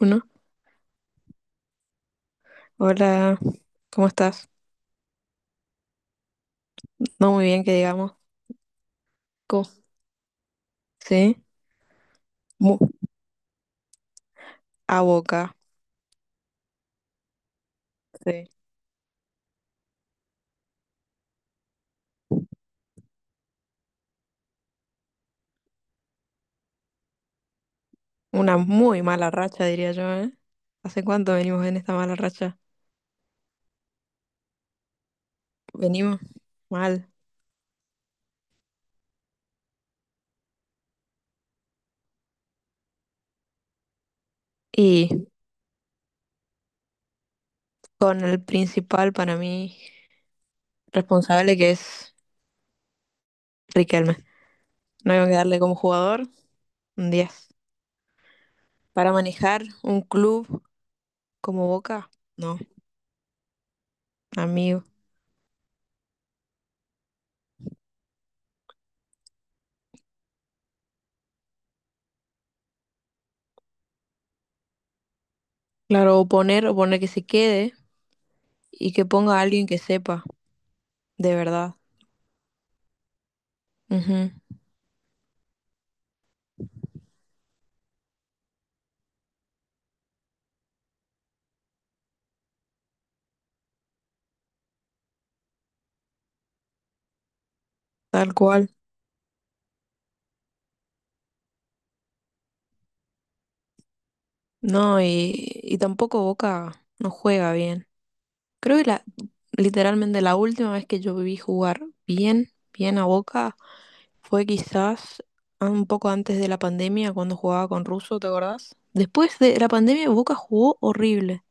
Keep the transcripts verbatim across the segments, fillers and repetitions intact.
Uno. Hola, ¿cómo estás? No muy bien, que digamos. Co- Sí. Mu- a Boca. Sí. Una muy mala racha, diría yo, ¿eh? ¿Hace cuánto venimos en esta mala racha? Venimos mal. Y con el principal para mí responsable que es Riquelme. No hay que darle como jugador un diez. Para manejar un club como Boca, no, amigo. Claro, oponer, oponer que se quede y que ponga a alguien que sepa, de verdad. Tal cual. No, y, y tampoco Boca no juega bien. Creo que la, literalmente la última vez que yo vi jugar bien, bien a Boca fue quizás a- un poco antes de la pandemia cuando jugaba con Russo, ¿te acordás? Después de la pandemia Boca jugó horrible.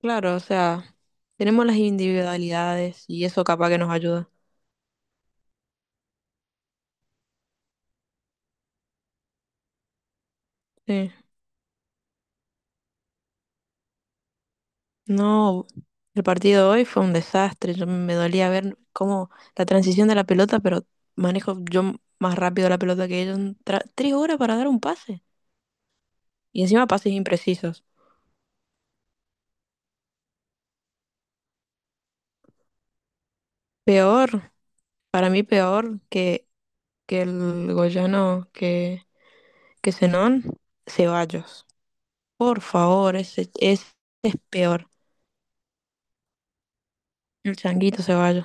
Claro, o sea, tenemos las individualidades y eso capaz que nos ayuda. Sí. No, el partido hoy fue un desastre. Yo me dolía ver cómo la transición de la pelota, pero manejo yo m- más rápido la pelota que ellos. Tra- tres horas para dar un pase. Y encima pases imprecisos. Peor, para mí peor que, que el Goyano, que, que Zenón, Ceballos. Por favor, ese, ese es peor. El changuito Ceballos,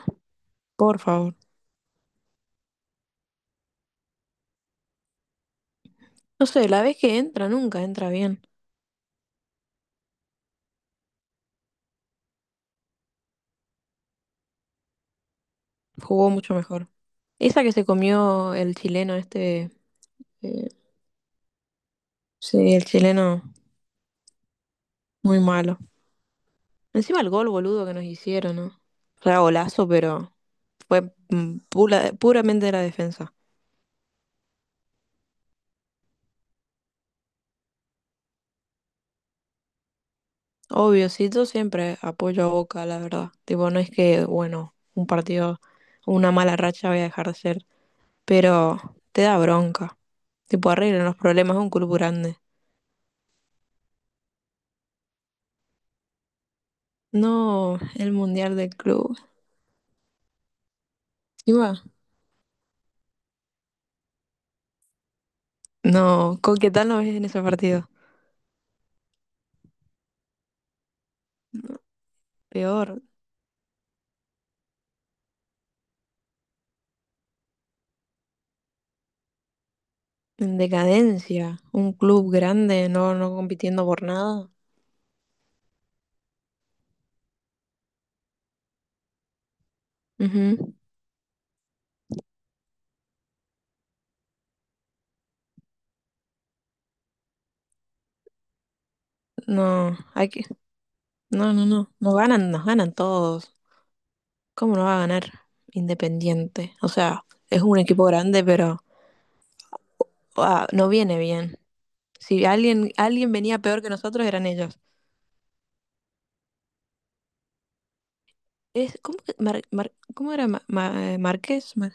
por favor. No sé, la vez que entra nunca entra bien. Jugó mucho mejor. Esa que se comió el chileno este. Eh, sí, el chileno, muy malo. Encima el gol, boludo, que nos hicieron, ¿no? O sea, golazo, pero fue mm, pura- puramente de la defensa. Obvio, sí, yo siempre apoyo a Boca, la verdad. Tipo, no es que, bueno, un partido, una mala racha voy a dejar de ser, pero te da bronca. Tipo, arreglan los problemas de un club grande. No, el mundial del club. Encima, no, ¿con qué tal no ves en ese partido? Peor, en decadencia, un club grande, no, no compitiendo por nada. Ujú. No, hay que, no, no, no, nos ganan, nos ganan todos. ¿Cómo no va a ganar Independiente? O sea, es un equipo grande, pero ah, no viene bien. Si alguien, alguien venía peor que nosotros, eran ellos. Es, ¿cómo, que Mar- Mar- cómo era Ma- Ma- eh, Márquez? Mar-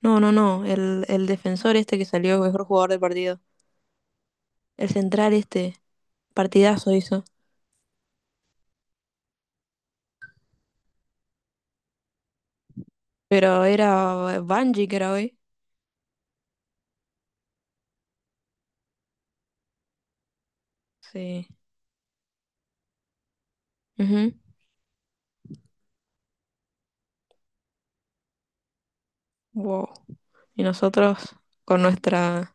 No, no, no, el, el defensor este que salió mejor jugador del partido. El central este, partidazo hizo. Pero era eh, Banji que era hoy. Sí. Ujú. Wow. Y nosotros con nuestra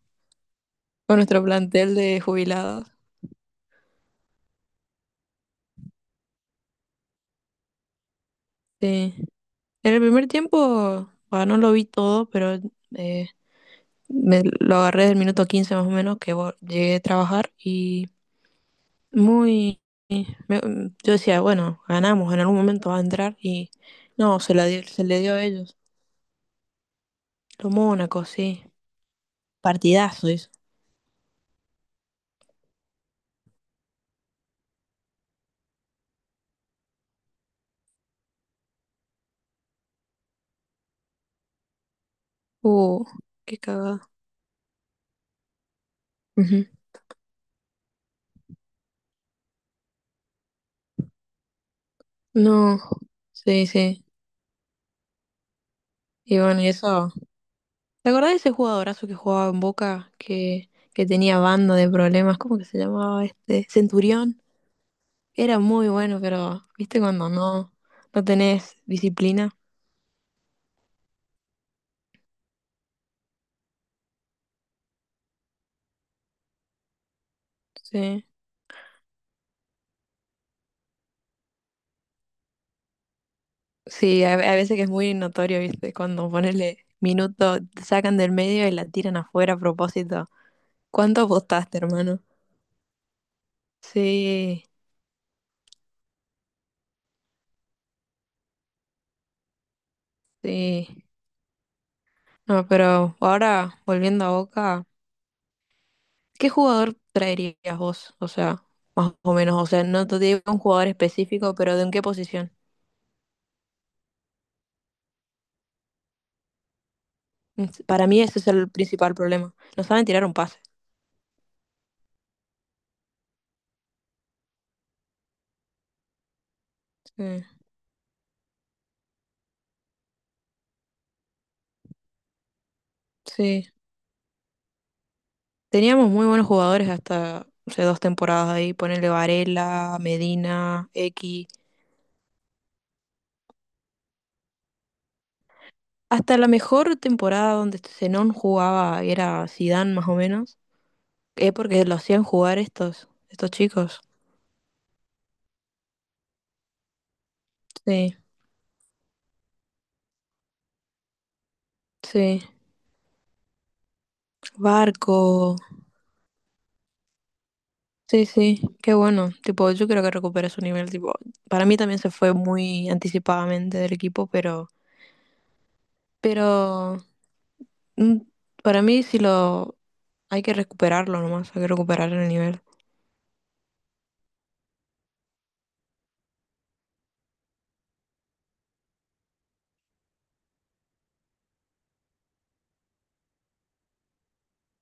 con nuestro plantel de jubilados. Sí. En el primer tiempo, bueno, no lo vi todo, pero eh, me lo agarré del minuto quince más o menos que vo- llegué a trabajar y muy me- yo decía, bueno, ganamos, en algún momento va a entrar y no, se la dio- se le dio a ellos. Lo Mónaco, sí. Partidazo eso. Uh, Qué cagada. Ujú. No. Sí, sí. Y bueno, y eso. ¿Te acordás de ese jugadorazo que jugaba en Boca, que, que tenía banda de problemas? ¿Cómo que se llamaba este? Centurión. Era muy bueno, pero viste cuando no, no tenés disciplina. Sí. Sí, a, a veces que es muy notorio, viste, cuando ponele minuto, te sacan del medio y la tiran afuera a propósito. ¿Cuánto apostaste, hermano? Sí, sí. No, pero ahora volviendo a Boca. ¿Qué jugador traerías vos? O sea, más o menos, o sea, no te digo un jugador específico, pero ¿de en qué posición? Mm, Para mí ese es el principal problema. No saben tirar un pase. Mm, sí. Teníamos muy buenos jugadores hasta hace dos temporadas ahí, ponerle Varela, Medina, X. Hasta la mejor temporada donde Zenón jugaba era Zidane más o menos, es porque lo hacían jugar estos, estos, chicos. Sí, sí. Barco. Sí, sí, qué bueno. Tipo, yo creo que recupera su nivel. Tipo, para mí también se fue muy anticipadamente del equipo, pero, pero mm, para mí sí lo hay que recuperarlo nomás, hay que recuperar el nivel.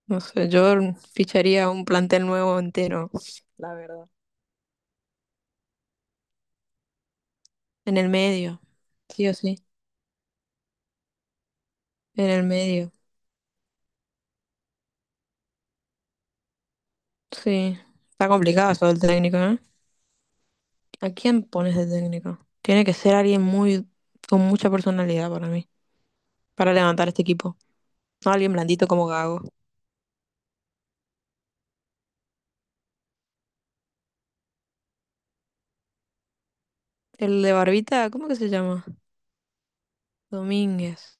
No sé, yo ficharía un plantel nuevo entero, la verdad. En el medio, sí o sí, en el medio. Sí, está complicado eso del técnico, ¿eh? ¿A quién pones de técnico? Tiene que ser alguien muy con mucha personalidad para mí, para levantar este equipo. No alguien blandito como Gago. El de Barbita, ¿cómo que se llama? Domínguez.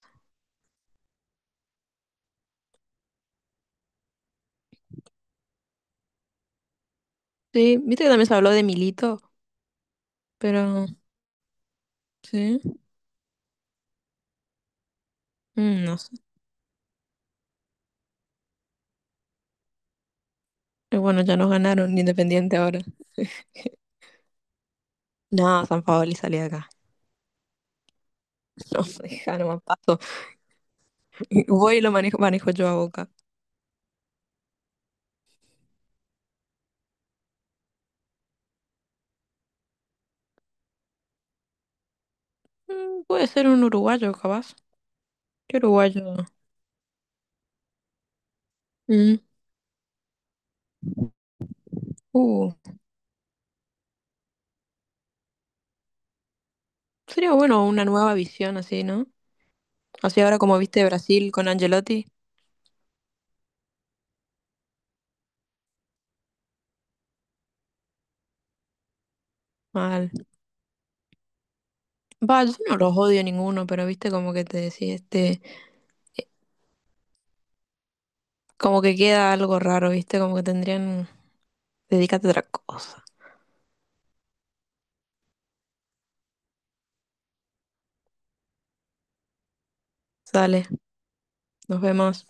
Sí, viste que también se habló de Milito, pero sí, mm, no sé. Eh, Bueno, ya nos ganaron Independiente ahora. No, San Paoli salí de acá. No, deja, no me paso. Voy y lo manejo, manejo yo a Boca. Mm, puede ser un uruguayo, capaz. ¿Qué uruguayo? Mm, uh, Sería bueno una nueva visión así, ¿no? Así ahora como viste Brasil con Angelotti. Mal. Va, yo no los odio ninguno, pero viste como que te decía este. Como que queda algo raro, ¿viste? Como que tendrían... Dedícate a otra cosa. Sale, nos vemos.